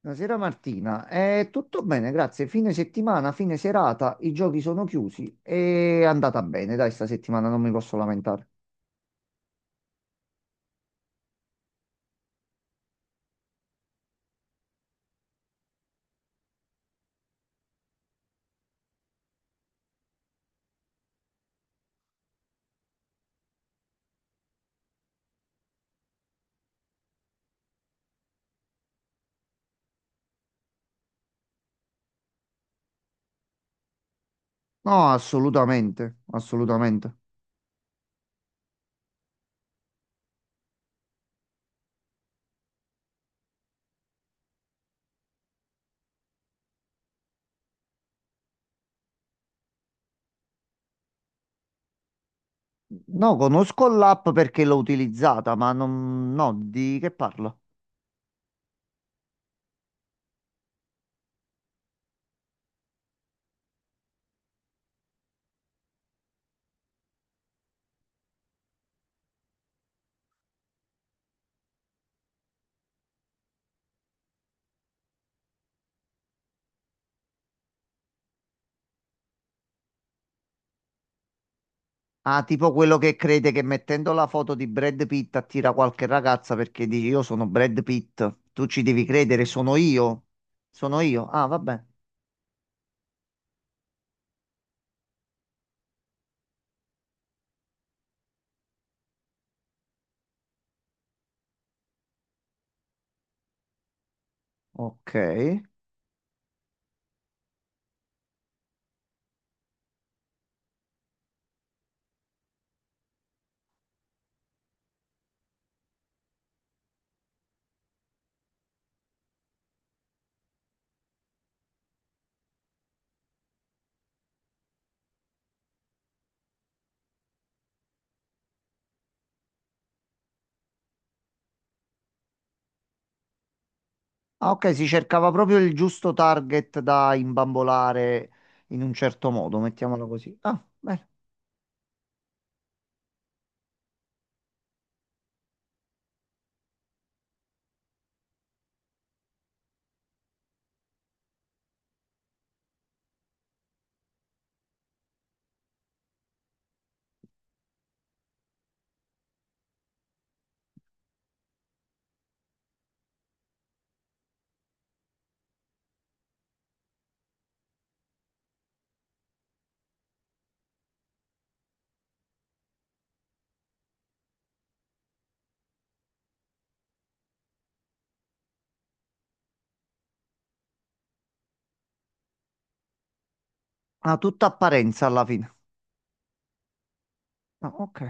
Buonasera Martina. Tutto bene, grazie. Fine settimana, fine serata, i giochi sono chiusi. È andata bene, dai, sta settimana non mi posso lamentare. No, assolutamente, assolutamente. No, conosco l'app perché l'ho utilizzata, ma non, no, di che parlo? Ah, tipo quello che crede che mettendo la foto di Brad Pitt attira qualche ragazza perché dici io sono Brad Pitt, tu ci devi credere, sono io, sono io. Ah, vabbè, ok. Ah, ok, si cercava proprio il giusto target da imbambolare in un certo modo, mettiamolo così. Ah, bene. Ha tutta apparenza alla fine. Ah, ok.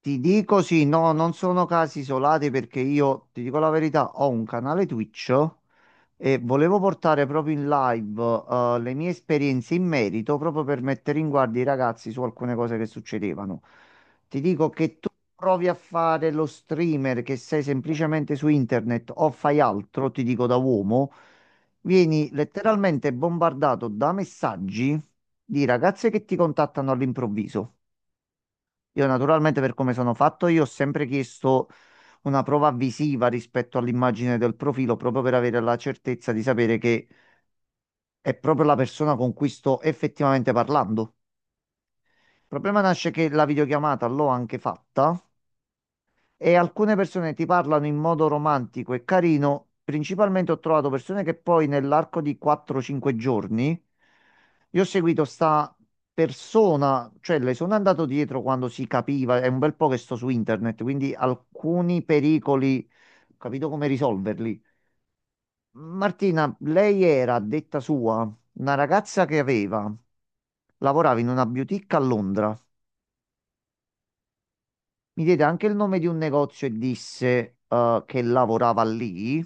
Ti dico sì, no, non sono casi isolati perché io, ti dico la verità, ho un canale Twitch. E volevo portare proprio in live, le mie esperienze in merito proprio per mettere in guardia i ragazzi su alcune cose che succedevano. Ti dico che tu provi a fare lo streamer che sei semplicemente su internet o fai altro, ti dico da uomo, vieni letteralmente bombardato da messaggi di ragazze che ti contattano all'improvviso. Io naturalmente per come sono fatto io ho sempre chiesto una prova visiva rispetto all'immagine del profilo proprio per avere la certezza di sapere che è proprio la persona con cui sto effettivamente parlando. Il problema nasce che la videochiamata l'ho anche fatta e alcune persone ti parlano in modo romantico e carino. Principalmente ho trovato persone che poi nell'arco di 4-5 giorni io ho seguito sta persona, cioè le sono andato dietro quando si capiva, è un bel po' che sto su internet, quindi alcuni pericoli, ho capito come risolverli. Martina, lei era, a detta sua, una ragazza che aveva, lavorava in una boutique a Londra. Mi diede anche il nome di un negozio e disse che lavorava lì.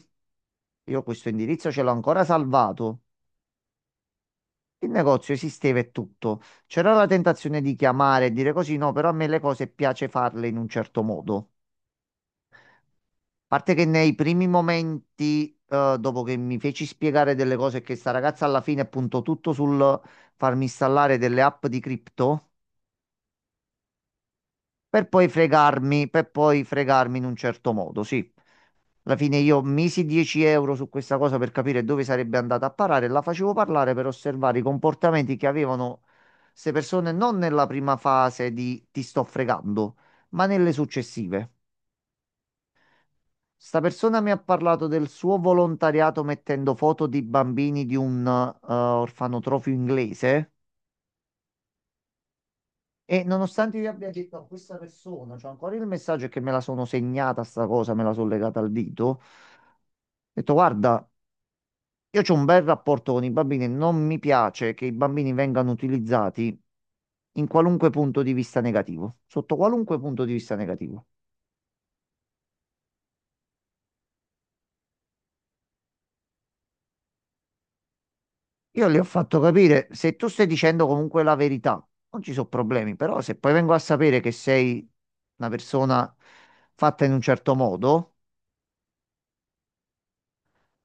Io questo indirizzo ce l'ho ancora salvato. Il negozio esisteva e tutto. C'era la tentazione di chiamare e dire così, no, però a me le cose piace farle in un certo modo. A parte che nei primi momenti, dopo che mi feci spiegare delle cose, che sta ragazza alla fine puntò tutto sul farmi installare delle app di cripto, per poi fregarmi in un certo modo, sì. Alla fine io misi 10 euro su questa cosa per capire dove sarebbe andata a parare, la facevo parlare per osservare i comportamenti che avevano queste persone non nella prima fase di ti sto fregando, ma nelle successive. Sta persona mi ha parlato del suo volontariato mettendo foto di bambini di un orfanotrofio inglese e nonostante io abbia detto a questa persona, c'ho ancora il messaggio è che me la sono segnata sta cosa, me la sono legata al dito, ho detto guarda io ho un bel rapporto con i bambini e non mi piace che i bambini vengano utilizzati in qualunque punto di vista negativo, sotto qualunque punto di vista negativo. Io le ho fatto capire, se tu stai dicendo comunque la verità, non ci sono problemi, però se poi vengo a sapere che sei una persona fatta in un certo modo,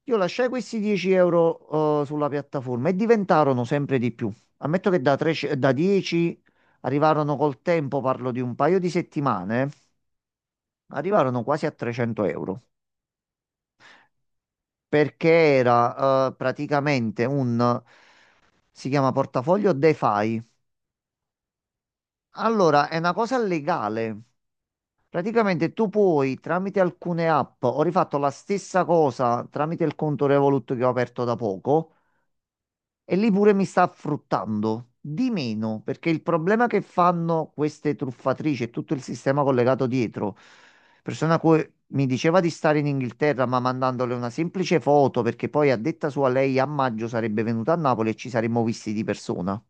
io lasciai questi 10 euro, sulla piattaforma e diventarono sempre di più. Ammetto che da, 13 da 10 arrivarono col tempo, parlo di un paio di settimane arrivarono quasi a 300 euro perché era praticamente un si chiama portafoglio DeFi. Allora, è una cosa legale. Praticamente tu puoi tramite alcune app, ho rifatto la stessa cosa tramite il conto Revolut che ho aperto da poco. E lì pure mi sta fruttando di meno, perché il problema che fanno queste truffatrici e tutto il sistema collegato dietro, persona che mi diceva di stare in Inghilterra, ma mandandole una semplice foto, perché poi a detta sua lei a maggio sarebbe venuta a Napoli e ci saremmo visti di persona.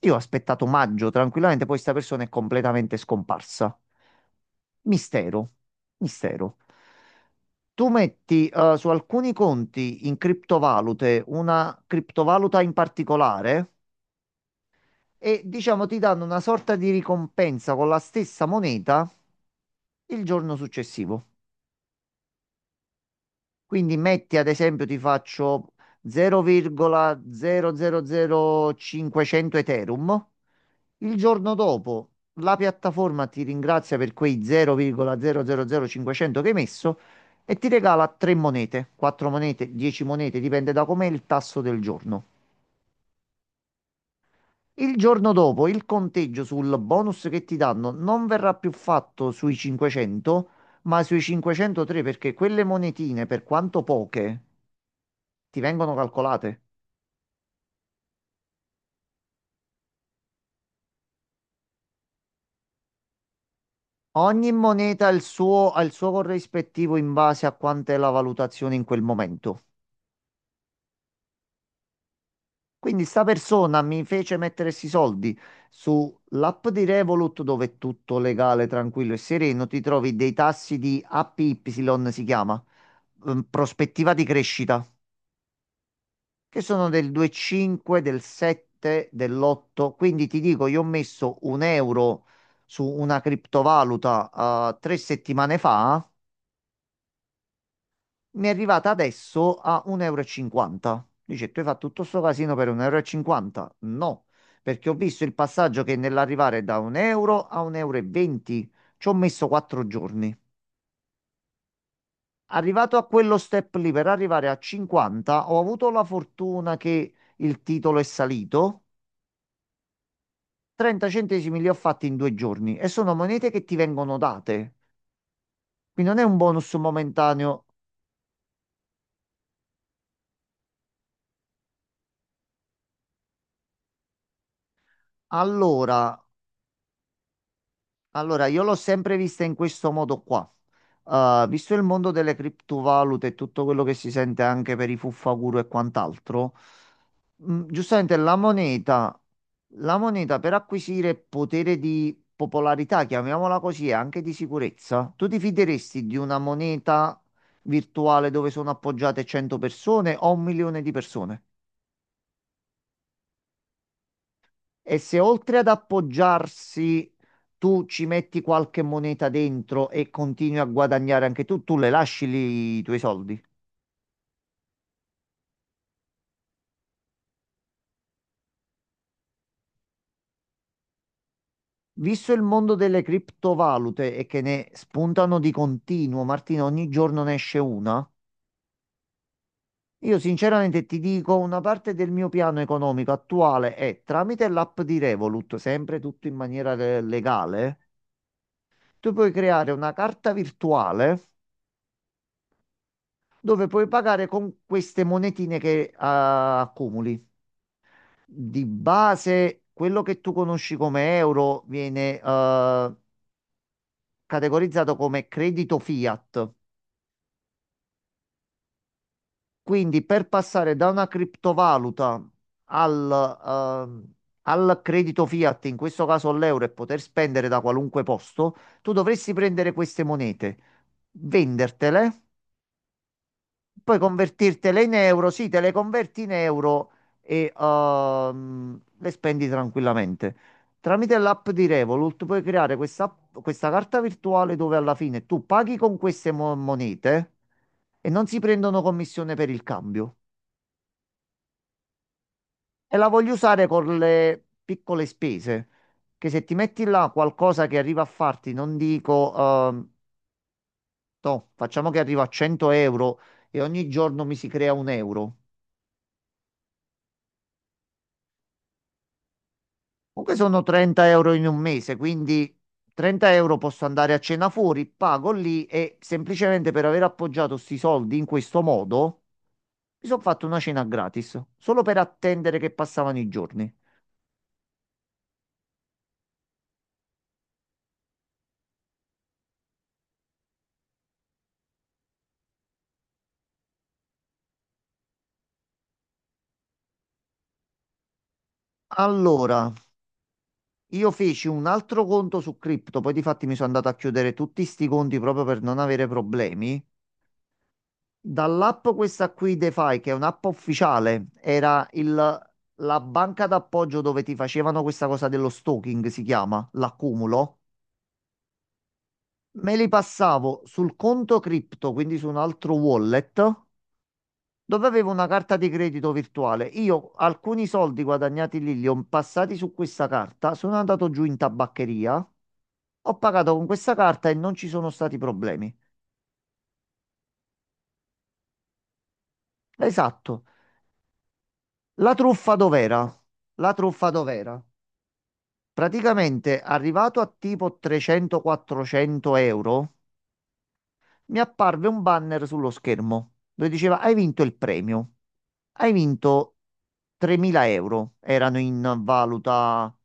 Io ho aspettato maggio tranquillamente, poi sta persona è completamente scomparsa. Mistero, mistero. Tu metti su alcuni conti in criptovalute una criptovaluta in particolare e diciamo ti danno una sorta di ricompensa con la stessa moneta il giorno successivo. Quindi metti ad esempio, ti faccio 0,000500 Ethereum. Il giorno dopo la piattaforma ti ringrazia per quei 0,000500 che hai messo e ti regala 3 monete, 4 monete, 10 monete, dipende da com'è il tasso del giorno. Il giorno dopo il conteggio sul bonus che ti danno non verrà più fatto sui 500, ma sui 503 perché quelle monetine, per quanto poche, ti vengono calcolate. Ogni moneta ha il suo corrispettivo in base a quant'è la valutazione in quel momento. Quindi sta persona mi fece mettere questi soldi sull'app di Revolut dove è tutto legale, tranquillo e sereno, ti trovi dei tassi di APY, si chiama, prospettiva di crescita, che sono del 2,5, del 7, dell'8. Quindi ti dico, io ho messo un euro su una criptovaluta, 3 settimane fa. Mi è arrivata adesso a 1,50 euro. E cinquanta. Dice, tu hai fatto tutto sto casino per 1,50 euro? E cinquanta? No, perché ho visto il passaggio che nell'arrivare da 1 euro a 1,20 euro e venti ci ho messo 4 giorni. Arrivato a quello step lì per arrivare a 50, ho avuto la fortuna che il titolo è salito. 30 centesimi li ho fatti in 2 giorni e sono monete che ti vengono date. Quindi non è un bonus momentaneo. Allora, Allora, io l'ho sempre vista in questo modo qua. Visto il mondo delle criptovalute e tutto quello che si sente anche per i fuffaguru e quant'altro, giustamente la moneta per acquisire potere di popolarità, chiamiamola così, e anche di sicurezza, tu ti fideresti di una moneta virtuale dove sono appoggiate 100 persone o 1 milione di persone? E se oltre ad appoggiarsi tu ci metti qualche moneta dentro e continui a guadagnare anche tu, tu le lasci lì i tuoi soldi. Visto il mondo delle criptovalute e che ne spuntano di continuo, Martina, ogni giorno ne esce una, io sinceramente ti dico, una parte del mio piano economico attuale è tramite l'app di Revolut, sempre tutto in maniera legale, tu puoi creare una carta virtuale dove puoi pagare con queste monetine che accumuli. Di base, quello che tu conosci come euro viene categorizzato come credito fiat. Quindi per passare da una criptovaluta al, ehm, al credito fiat, in questo caso l'euro, e poter spendere da qualunque posto, tu dovresti prendere queste monete, vendertele. Puoi convertirtele in euro, sì, te le converti in euro e le spendi tranquillamente. Tramite l'app di Revolut puoi creare questa carta virtuale dove alla fine tu paghi con queste monete e non si prendono commissione per il cambio. E la voglio usare con le piccole spese, che se ti metti là qualcosa che arriva a farti, non dico, no, facciamo che arriva a 100 euro e ogni giorno mi si crea un euro. Comunque sono 30 euro in un mese, quindi 30 euro posso andare a cena fuori, pago lì e semplicemente per aver appoggiato sti soldi in questo modo mi sono fatto una cena gratis, solo per attendere che passavano i giorni. Allora, io feci un altro conto su cripto, poi di fatti mi sono andato a chiudere tutti sti conti proprio per non avere problemi. Dall'app questa qui, DeFi, che è un'app ufficiale, era la banca d'appoggio dove ti facevano questa cosa dello staking, si chiama, l'accumulo. Me li passavo sul conto cripto, quindi su un altro wallet, dove avevo una carta di credito virtuale. Io alcuni soldi guadagnati lì li ho passati su questa carta, sono andato giù in tabaccheria, ho pagato con questa carta e non ci sono stati problemi. Esatto. La truffa dov'era? La truffa dov'era? Praticamente, arrivato a tipo 300-400 euro, mi apparve un banner sullo schermo dove diceva: Hai vinto il premio. Hai vinto 3.000 euro. Erano in valuta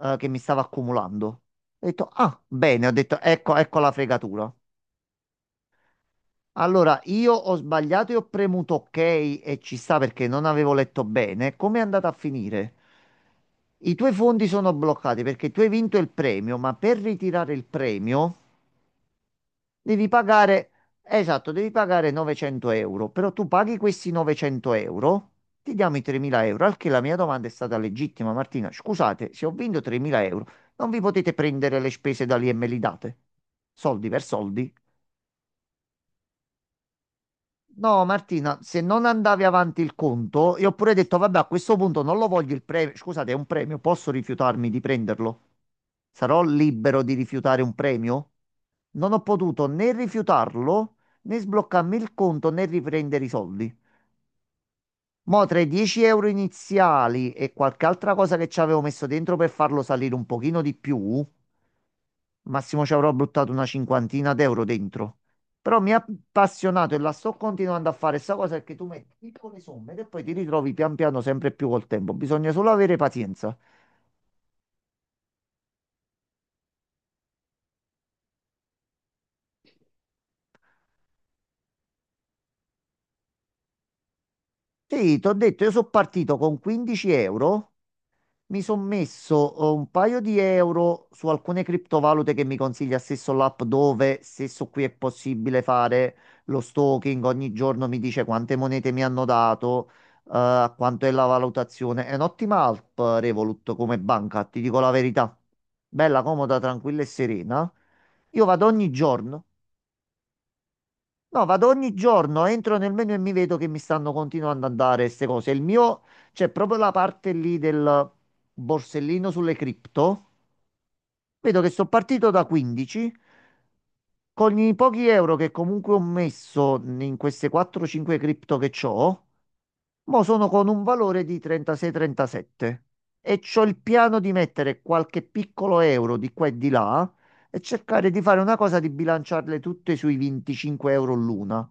che mi stava accumulando. Ho detto: Ah, bene. Ho detto: Ecco, ecco la fregatura. Allora, io ho sbagliato e ho premuto ok e ci sta perché non avevo letto bene. Come è andata a finire? I tuoi fondi sono bloccati perché tu hai vinto il premio, ma per ritirare il premio devi pagare, esatto, devi pagare 900 euro, però tu paghi questi 900 euro, ti diamo i 3.000 euro, al che la mia domanda è stata legittima, Martina, scusate, se ho vinto 3.000 euro, non vi potete prendere le spese da lì e me li date? Soldi per soldi? No, Martina, se non andavi avanti il conto, io ho pure detto, vabbè, a questo punto non lo voglio il premio. Scusate, è un premio, posso rifiutarmi di prenderlo? Sarò libero di rifiutare un premio? Non ho potuto né rifiutarlo, né sbloccarmi il conto, né riprendere i soldi. Mo' tra i 10 euro iniziali e qualche altra cosa che ci avevo messo dentro per farlo salire un pochino di più, massimo ci avrò buttato una cinquantina d'euro dentro. Però mi ha appassionato e la sto continuando a fare. Sta cosa è che tu metti piccole somme e poi ti ritrovi pian piano sempre più col tempo. Bisogna solo avere pazienza. Sì, ti ho detto, io sono partito con 15 euro. Mi sono messo un paio di euro su alcune criptovalute che mi consiglia stesso l'app dove stesso qui è possibile fare lo stalking, ogni giorno mi dice quante monete mi hanno dato, quanto è la valutazione. È un'ottima app Revolut come banca, ti dico la verità. Bella, comoda, tranquilla e serena. Io vado ogni giorno. No, vado ogni giorno, entro nel menu e mi vedo che mi stanno continuando a dare queste cose. C'è proprio la parte lì del borsellino sulle cripto. Vedo che sono partito da 15. Con i pochi euro che comunque ho messo in queste 4-5 cripto che ho, mo sono con un valore di 36-37. E c'ho il piano di mettere qualche piccolo euro di qua e di là e cercare di fare una cosa di bilanciarle tutte sui 25 euro l'una.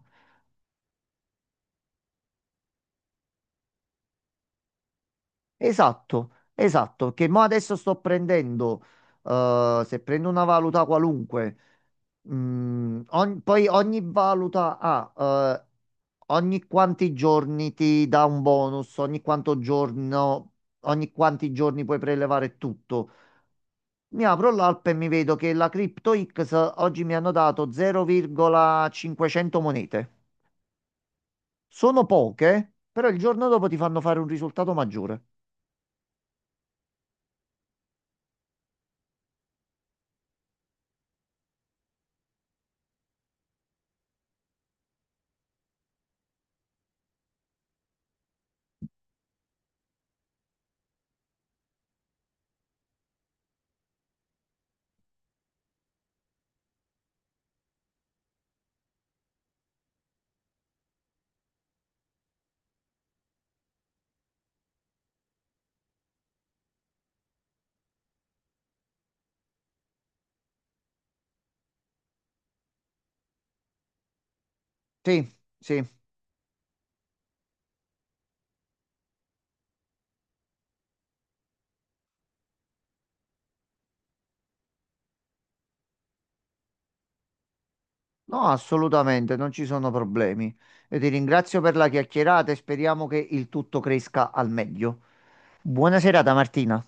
Esatto, esatto, che mo adesso sto prendendo, se prendo una valuta qualunque, poi ogni valuta ha, eh, ogni quanti giorni ti dà un bonus, ogni quanto giorno, ogni quanti giorni puoi prelevare tutto. Mi apro l'app e mi vedo che la CryptoX oggi mi hanno dato 0,500 monete. Sono poche, però il giorno dopo ti fanno fare un risultato maggiore. Sì, sì. No, assolutamente, non ci sono problemi. Io ti ringrazio per la chiacchierata e speriamo che il tutto cresca al meglio. Buona serata, Martina.